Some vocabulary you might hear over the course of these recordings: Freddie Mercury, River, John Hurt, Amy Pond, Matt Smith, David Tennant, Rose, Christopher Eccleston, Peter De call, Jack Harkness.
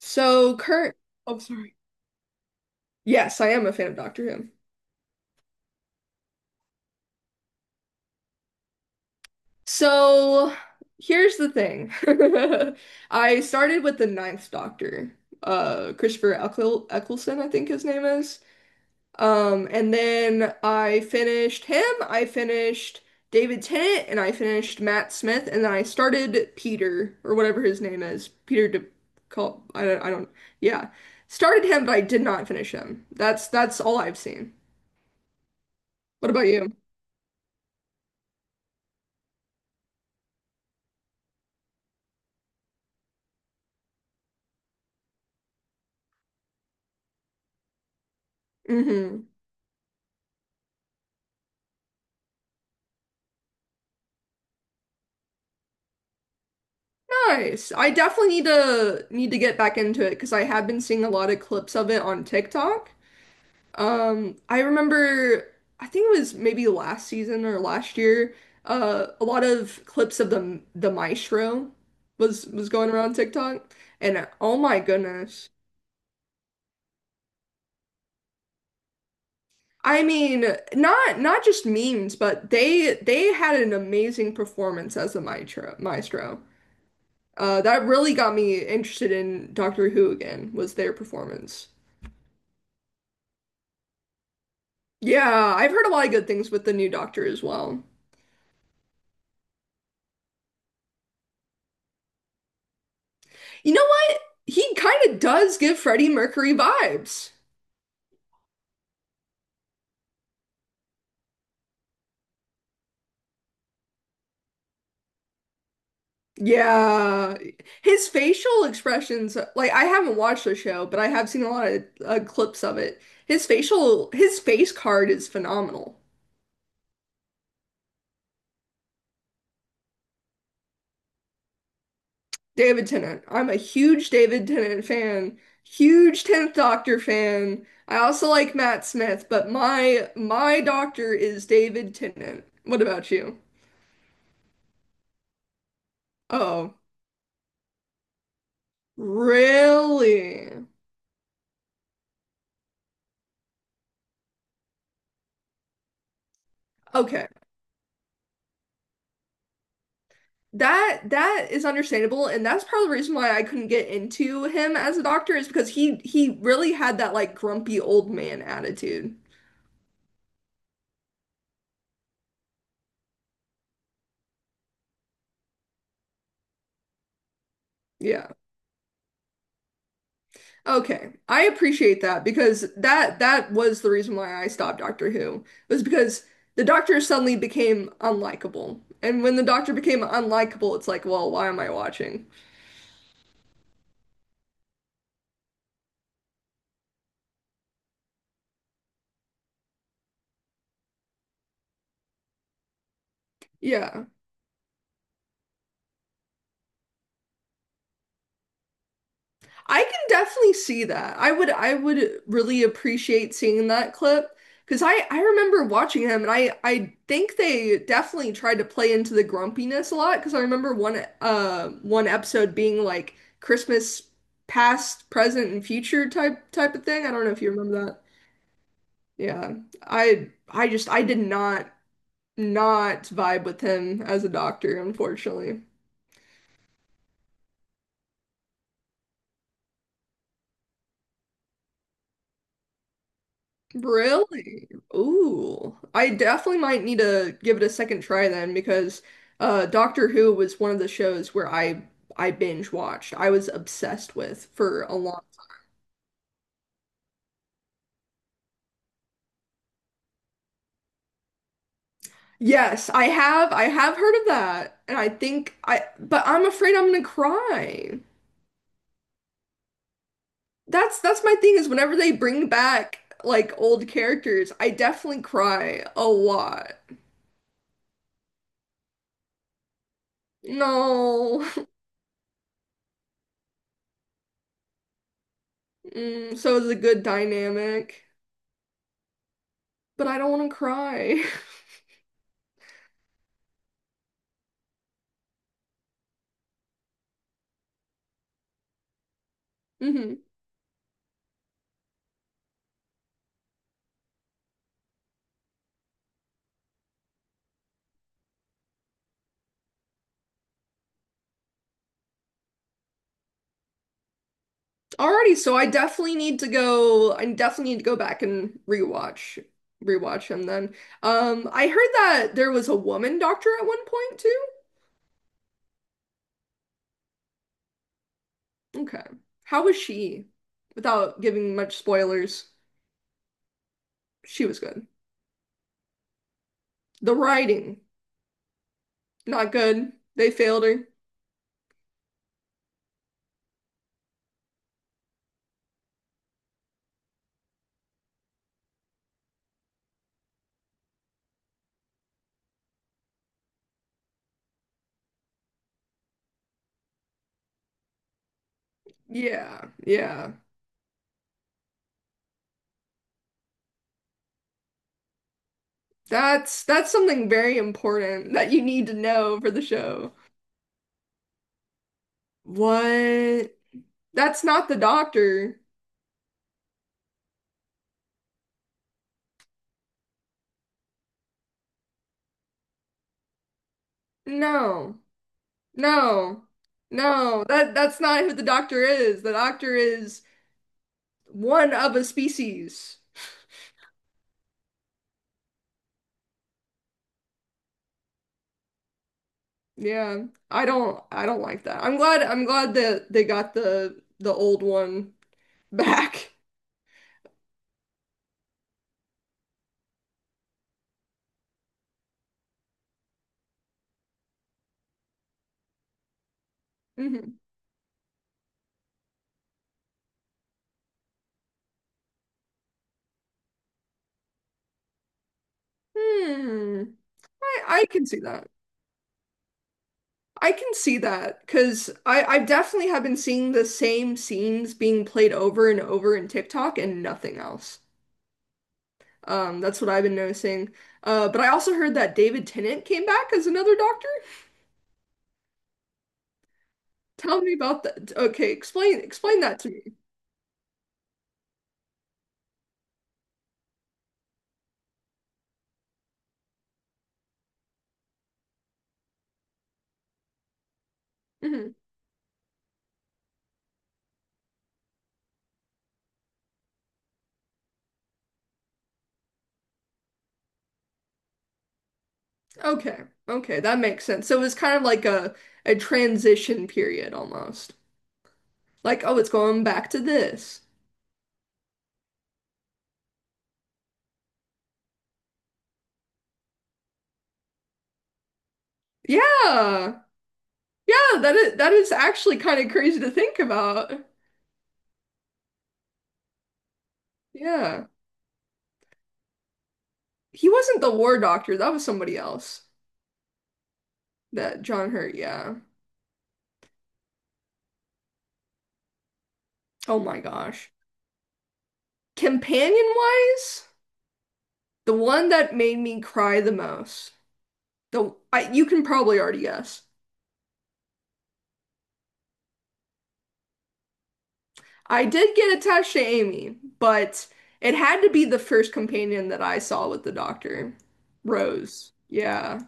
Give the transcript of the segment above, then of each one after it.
So oh, sorry. Yes, I am a fan of Doctor Who. So here's the thing. I started with the Ninth Doctor, Christopher Eccleston, I think his name is. And then I finished David Tennant, and I finished Matt Smith, and then I started Peter, or whatever his name is, Peter De call I don't, yeah. Started him, but I did not finish him. That's all I've seen. What about you? Hmm. Nice. I definitely need to get back into it because I have been seeing a lot of clips of it on TikTok. I remember I think it was maybe last season or last year, a lot of clips of the maestro was going around TikTok, and oh my goodness. I mean, not just memes, but they had an amazing performance as the maestro. That really got me interested in Doctor Who again, was their performance. Yeah, I've heard a lot of good things with the new Doctor as well. You know what? He kind of does give Freddie Mercury vibes. Yeah, his facial expressions, like I haven't watched the show, but I have seen a lot of clips of it. His face card is phenomenal. David Tennant. I'm a huge David Tennant fan, huge 10th Doctor fan. I also like Matt Smith, but my doctor is David Tennant. What about you? Oh. Really? Okay. That is understandable, and that's part of the reason why I couldn't get into him as a doctor is because he really had that like grumpy old man attitude. Yeah. Okay. I appreciate that because that was the reason why I stopped Doctor Who was because the doctor suddenly became unlikable. And when the doctor became unlikable, it's like, well, why am I watching? Yeah. I can definitely see that. I would really appreciate seeing that clip because I remember watching him and I think they definitely tried to play into the grumpiness a lot because I remember one one episode being like Christmas past, present, and future type of thing. I don't know if you remember that. Yeah. I just I did not vibe with him as a doctor, unfortunately. Really? Ooh. I definitely might need to give it a second try then because Doctor Who was one of the shows where I binge watched. I was obsessed with for a long. Yes, I have heard of that. And I think I but I'm afraid I'm gonna cry. That's my thing is whenever they bring back like old characters, I definitely cry a lot. No. Mm, so it's a good dynamic, but I don't want to cry. Mhm. Alrighty, so I definitely need to go. I definitely need to go back and rewatch him then. I heard that there was a woman doctor at one point too. Okay. How was she? Without giving much spoilers, she was good. The writing, not good. They failed her. Yeah, yeah. That's something very important that you need to know for the show. What? That's not the doctor. No. No, no, that's not who the doctor is. The doctor is one of a species. Yeah, I don't like that. I'm glad that they got the old one back. Mhm. Hmm. I can see that. I can see that because I definitely have been seeing the same scenes being played over and over in TikTok and nothing else. That's what I've been noticing. But I also heard that David Tennant came back as another doctor. Tell me about that. Okay, explain that to me. Hmm. Okay, okay, that makes sense. So it was kind of like a transition period almost. Like, oh, it's going back to this. Yeah, yeah, that is actually kind of crazy to think about. Yeah, he wasn't the war doctor. That was somebody else. That John Hurt. Yeah. Oh my gosh. Companion wise, the one that made me cry the most. You can probably already guess. I did get attached to Amy, but it had to be the first companion that I saw with the doctor, Rose. Yeah.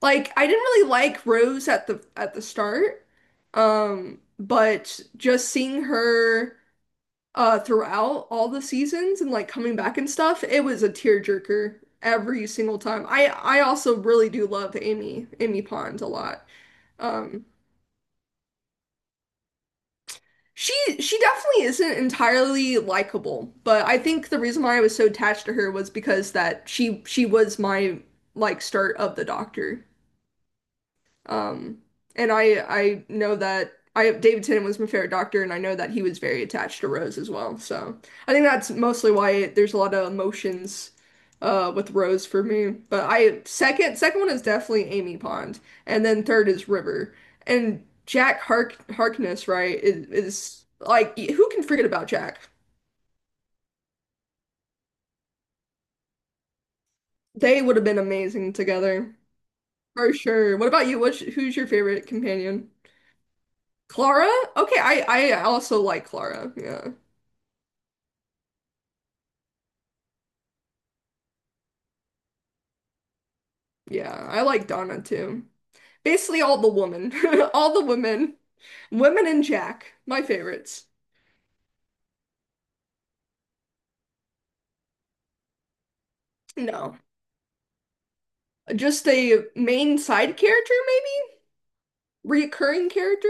Like I didn't really like Rose at the start. But just seeing her throughout all the seasons and like coming back and stuff, it was a tearjerker every single time. I also really do love Amy Pond a lot. Um, She she definitely isn't entirely likable, but I think the reason why I was so attached to her was because that she was my like start of the Doctor. Um, and I know that I David Tennant was my favorite Doctor, and I know that he was very attached to Rose as well. So I think that's mostly why there's a lot of emotions with Rose for me. But I second one is definitely Amy Pond, and then third is River. And Jack Harkness, right, is like who can forget about Jack? They would have been amazing together. For sure. What about you? Who's your favorite companion? Clara? Okay, I also like Clara. Yeah. Yeah, I like Donna too. Basically, all the women, all the women, women and Jack, my favorites. No, just a main side character, maybe? Reoccurring character?